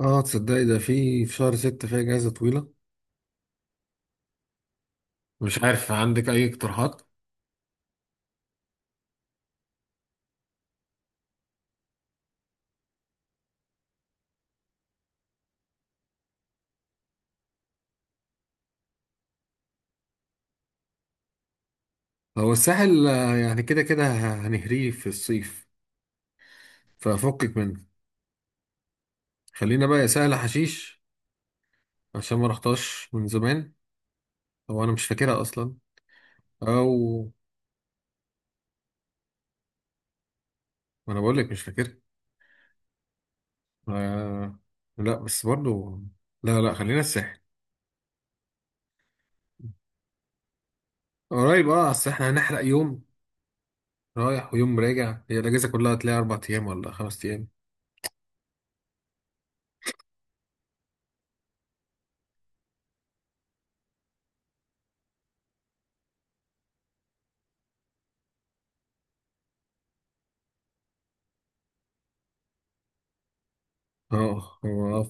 اه، تصدقي ده في شهر ستة فيها اجازة طويلة. مش عارف، عندك اي اقتراحات؟ هو الساحل آه، يعني كده كده هنهريه في الصيف، ففكك منه. خلينا بقى يا سهل حشيش، عشان ما رحتهاش من زمان. هو انا مش فاكرها اصلا. او، ما انا بقول لك مش فاكرها. آه. لا بس برضو. لا لا، خلينا الساحل. قريب، اه اصل احنا هنحرق يوم رايح ويوم راجع، هي الاجازة كلها هتلاقي 4 أيام ولا 5 أيام. اه هو،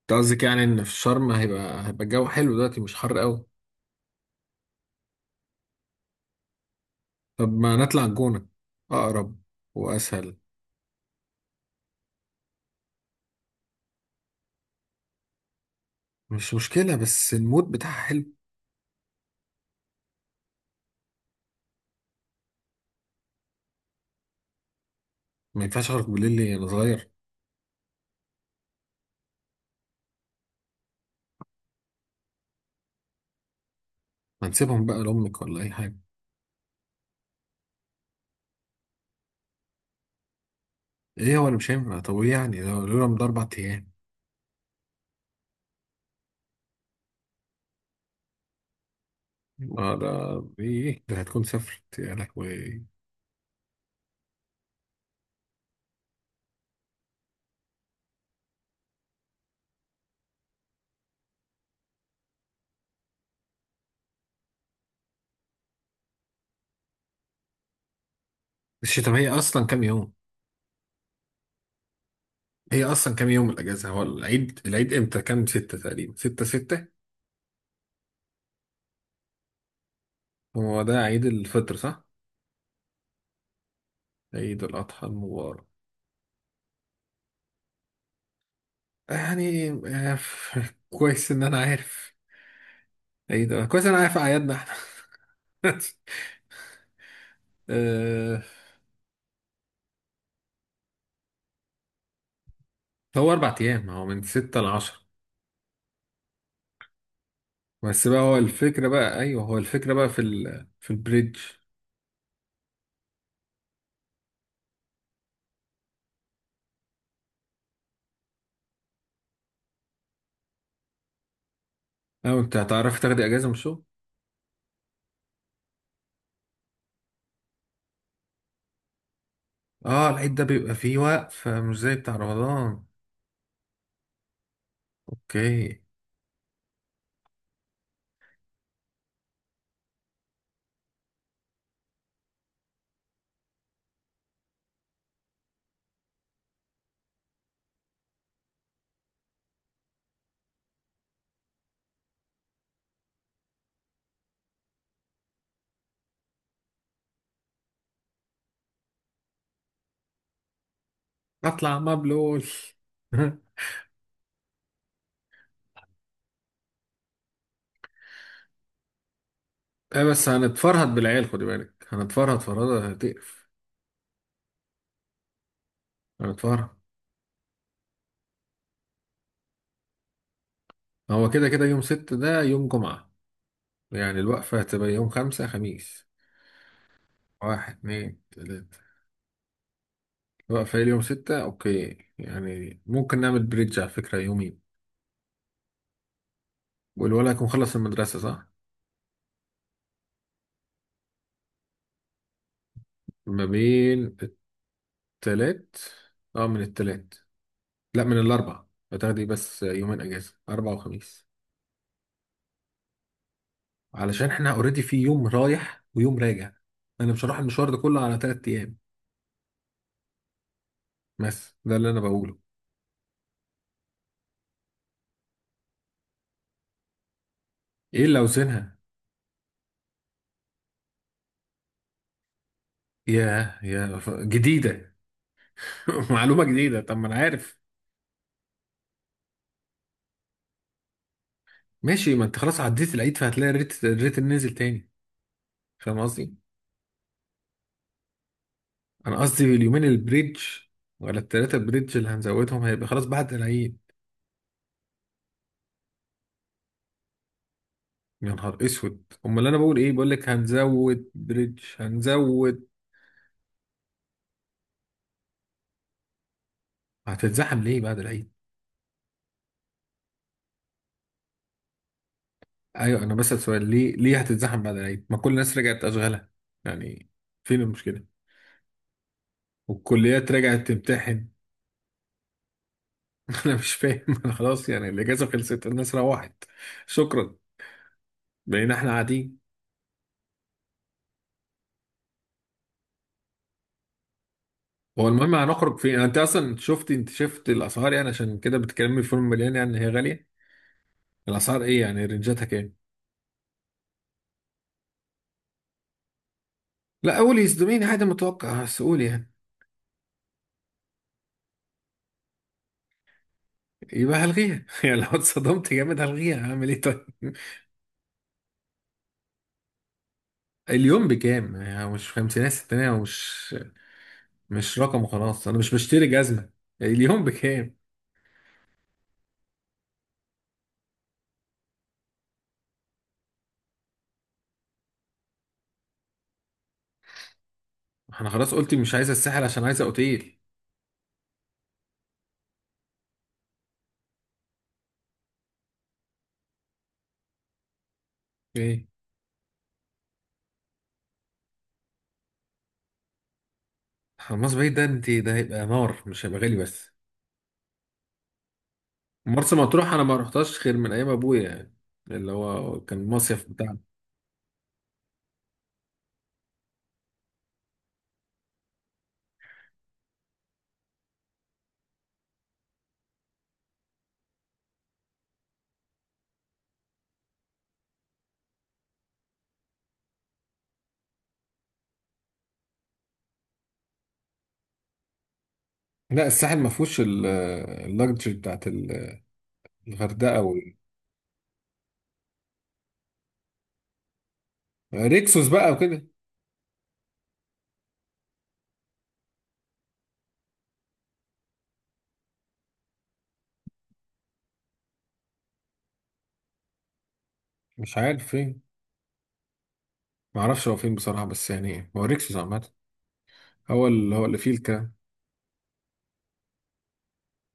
انت قصدك يعني ان في شرم هيبقى الجو حلو دلوقتي مش حر قوي؟ طب ما نطلع الجونة، اقرب واسهل. مش مشكلة بس المود بتاعها حلو. ما ينفعش اخرج بالليل ليه، انا صغير؟ ما نسيبهم بقى لامك ولا اي حاجة. ايه هو اللي مش هينفع؟ طب ايه يعني، ده لولا من ده 4 أيام. ما ده، ايه ده، هتكون سافرت يا لهوي. الشتا، طب هي اصلا كام يوم؟ هي اصلا كام يوم الاجازة، هو العيد، العيد امتى؟ كام ستة تقريبا، ستة ستة. هو ده عيد الفطر صح؟ عيد الاضحى المبارك. يعني آه، كويس ان انا عارف. ايه ده، كويس ان انا عارف اعيادنا احنا. آه، هو 4 أيام، هو من ستة لعشرة. بس بقى هو الفكرة بقى، ايوه هو الفكرة بقى في في البريدج. اه، انت هتعرفي تاخدي اجازة من الشغل؟ اه العيد ده بيبقى فيه وقف، مش زي بتاع رمضان. اوكي. اطلع مبلول. ايه بس هنتفرهد بالعيال، خدي بالك، هنتفرهد فرهدة هتقرف. هنتفرهد. هو كده كده يوم ست ده يوم جمعة، يعني الوقفة هتبقى يوم خمسة خميس. واحد اتنين تلاتة. الوقفة هي اليوم ستة، أوكي، يعني ممكن نعمل بريدج على فكرة يومين. والولد هيكون خلص المدرسة صح؟ ما بين التلات. اه، من التلات. لا، من الأربع. هتاخدي بس يومين أجازة، أربع وخميس. علشان احنا اوريدي، في يوم رايح ويوم راجع. أنا مش هروح المشوار ده كله على 3 أيام. بس ده اللي أنا بقوله. إيه اللي أوزنها؟ ياه يا جديدة. معلومة جديدة، طب ما أنا عارف. ماشي، ما انت خلاص عديت العيد، فهتلاقي الريت نزل تاني. فاهم قصدي؟ انا قصدي اليومين البريدج، ولا التلاتة بريدج اللي هنزودهم هيبقى خلاص بعد العيد. يا نهار اسود، امال اللي انا بقول، ايه بقول لك هنزود بريدج هنزود. هتتزحم ليه بعد العيد؟ ايوه انا بسأل سؤال، ليه هتتزحم بعد العيد، ما كل الناس رجعت اشغالها يعني؟ فين المشكلة؟ والكليات رجعت تمتحن. انا مش فاهم، انا خلاص، يعني الاجازة خلصت، الناس روحت. شكرا. بقينا احنا قاعدين. هو المهم هنخرج فين؟ انت اصلا شفت انت شفت الاسعار، يعني عشان كده بتكلمني في فيلم مليان، يعني هي غاليه. الاسعار ايه يعني، رينجاتها كام؟ لا قولي، يصدميني، عادي، متوقع سؤال يعني. يبقى هلغيها. يعني لو اتصدمت جامد هلغيها، هعمل ايه طيب؟ اليوم بكام يعني، مش خمسينات ستينات، ومش مش رقم، خلاص انا مش بشتري جزمه. اليوم بكام؟ انا خلاص قلت مش عايزه الساحل، عشان عايزه اوتيل. ايه؟ حماس بعيد، ده انت، ده هيبقى نار، مش هيبقى غالي بس. مرسى مطروح انا ما رحتهاش غير من ايام ابويا يعني، اللي هو كان المصيف بتاعنا. لا الساحل ما فيهوش اللاكجري بتاعت الغردقه وال- ريكسوس بقى وكده. مش عارف فين. ما اعرفش هو فين بصراحه، بس يعني هو ريكسوس عامه، هو اللي هو فيه الكلام.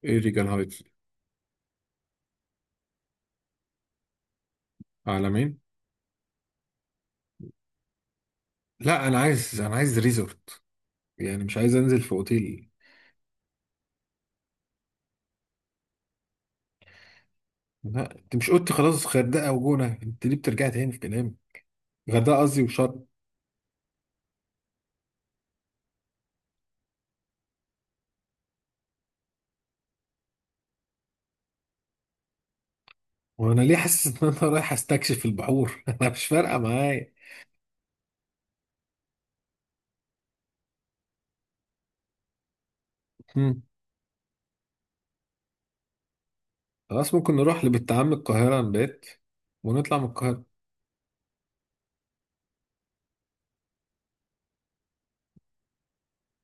ايه ريجال هايتس. عالمين. لا انا عايز ريزورت، يعني مش عايز انزل في اوتيل. لا انت مش قلت خلاص غردقه وجونه، انت ليه بترجع تاني في كلام؟ غردقه قصدي وشرم. وانا ليه حاسس ان انا رايح استكشف البحور؟ انا مش فارقه معايا. مم. خلاص ممكن نروح لبنت عم القاهرة نبات، ونطلع من القاهرة.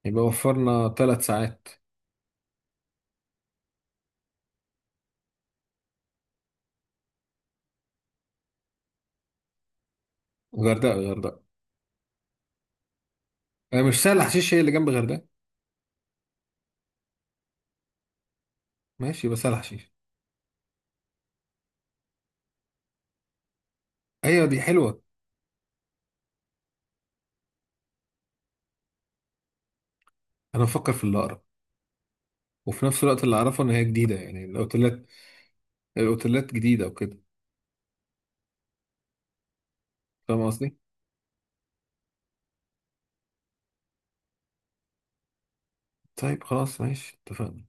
يبقى وفرنا 3 ساعات. غردقة غردقة. آه، مش سهل حشيش هي اللي جنب غردقة. ماشي، يبقى سهل حشيش. أيوة دي حلوة. أنا بفكر في اللي أقرب، وفي نفس الوقت اللي أعرفه إن هي جديدة يعني الأوتيلات. الأوتيلات جديدة وكده. فاهم قصدي؟ طيب خلاص ماشي، اتفقنا.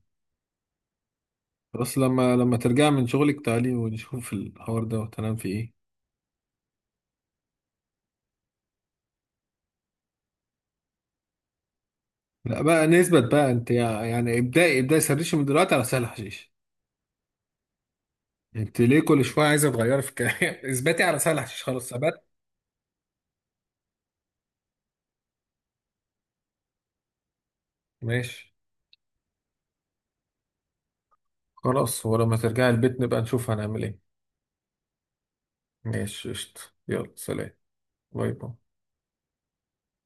خلاص، لما ترجع من شغلك تعالي ونشوف الحوار ده، وتنام في إيه. لا بقى نثبت بقى أنت، يعني ابدأي سرشي من دلوقتي على سهل حشيش. انت ليه كل شويه عايزه تغيري في الكلام؟ اثبتي على سلح، خلاص ثبت. ماشي، خلاص ولما ترجعي البيت نبقى نشوف هنعمل ايه. ماشي قشطة. يلا سلام. باي باي.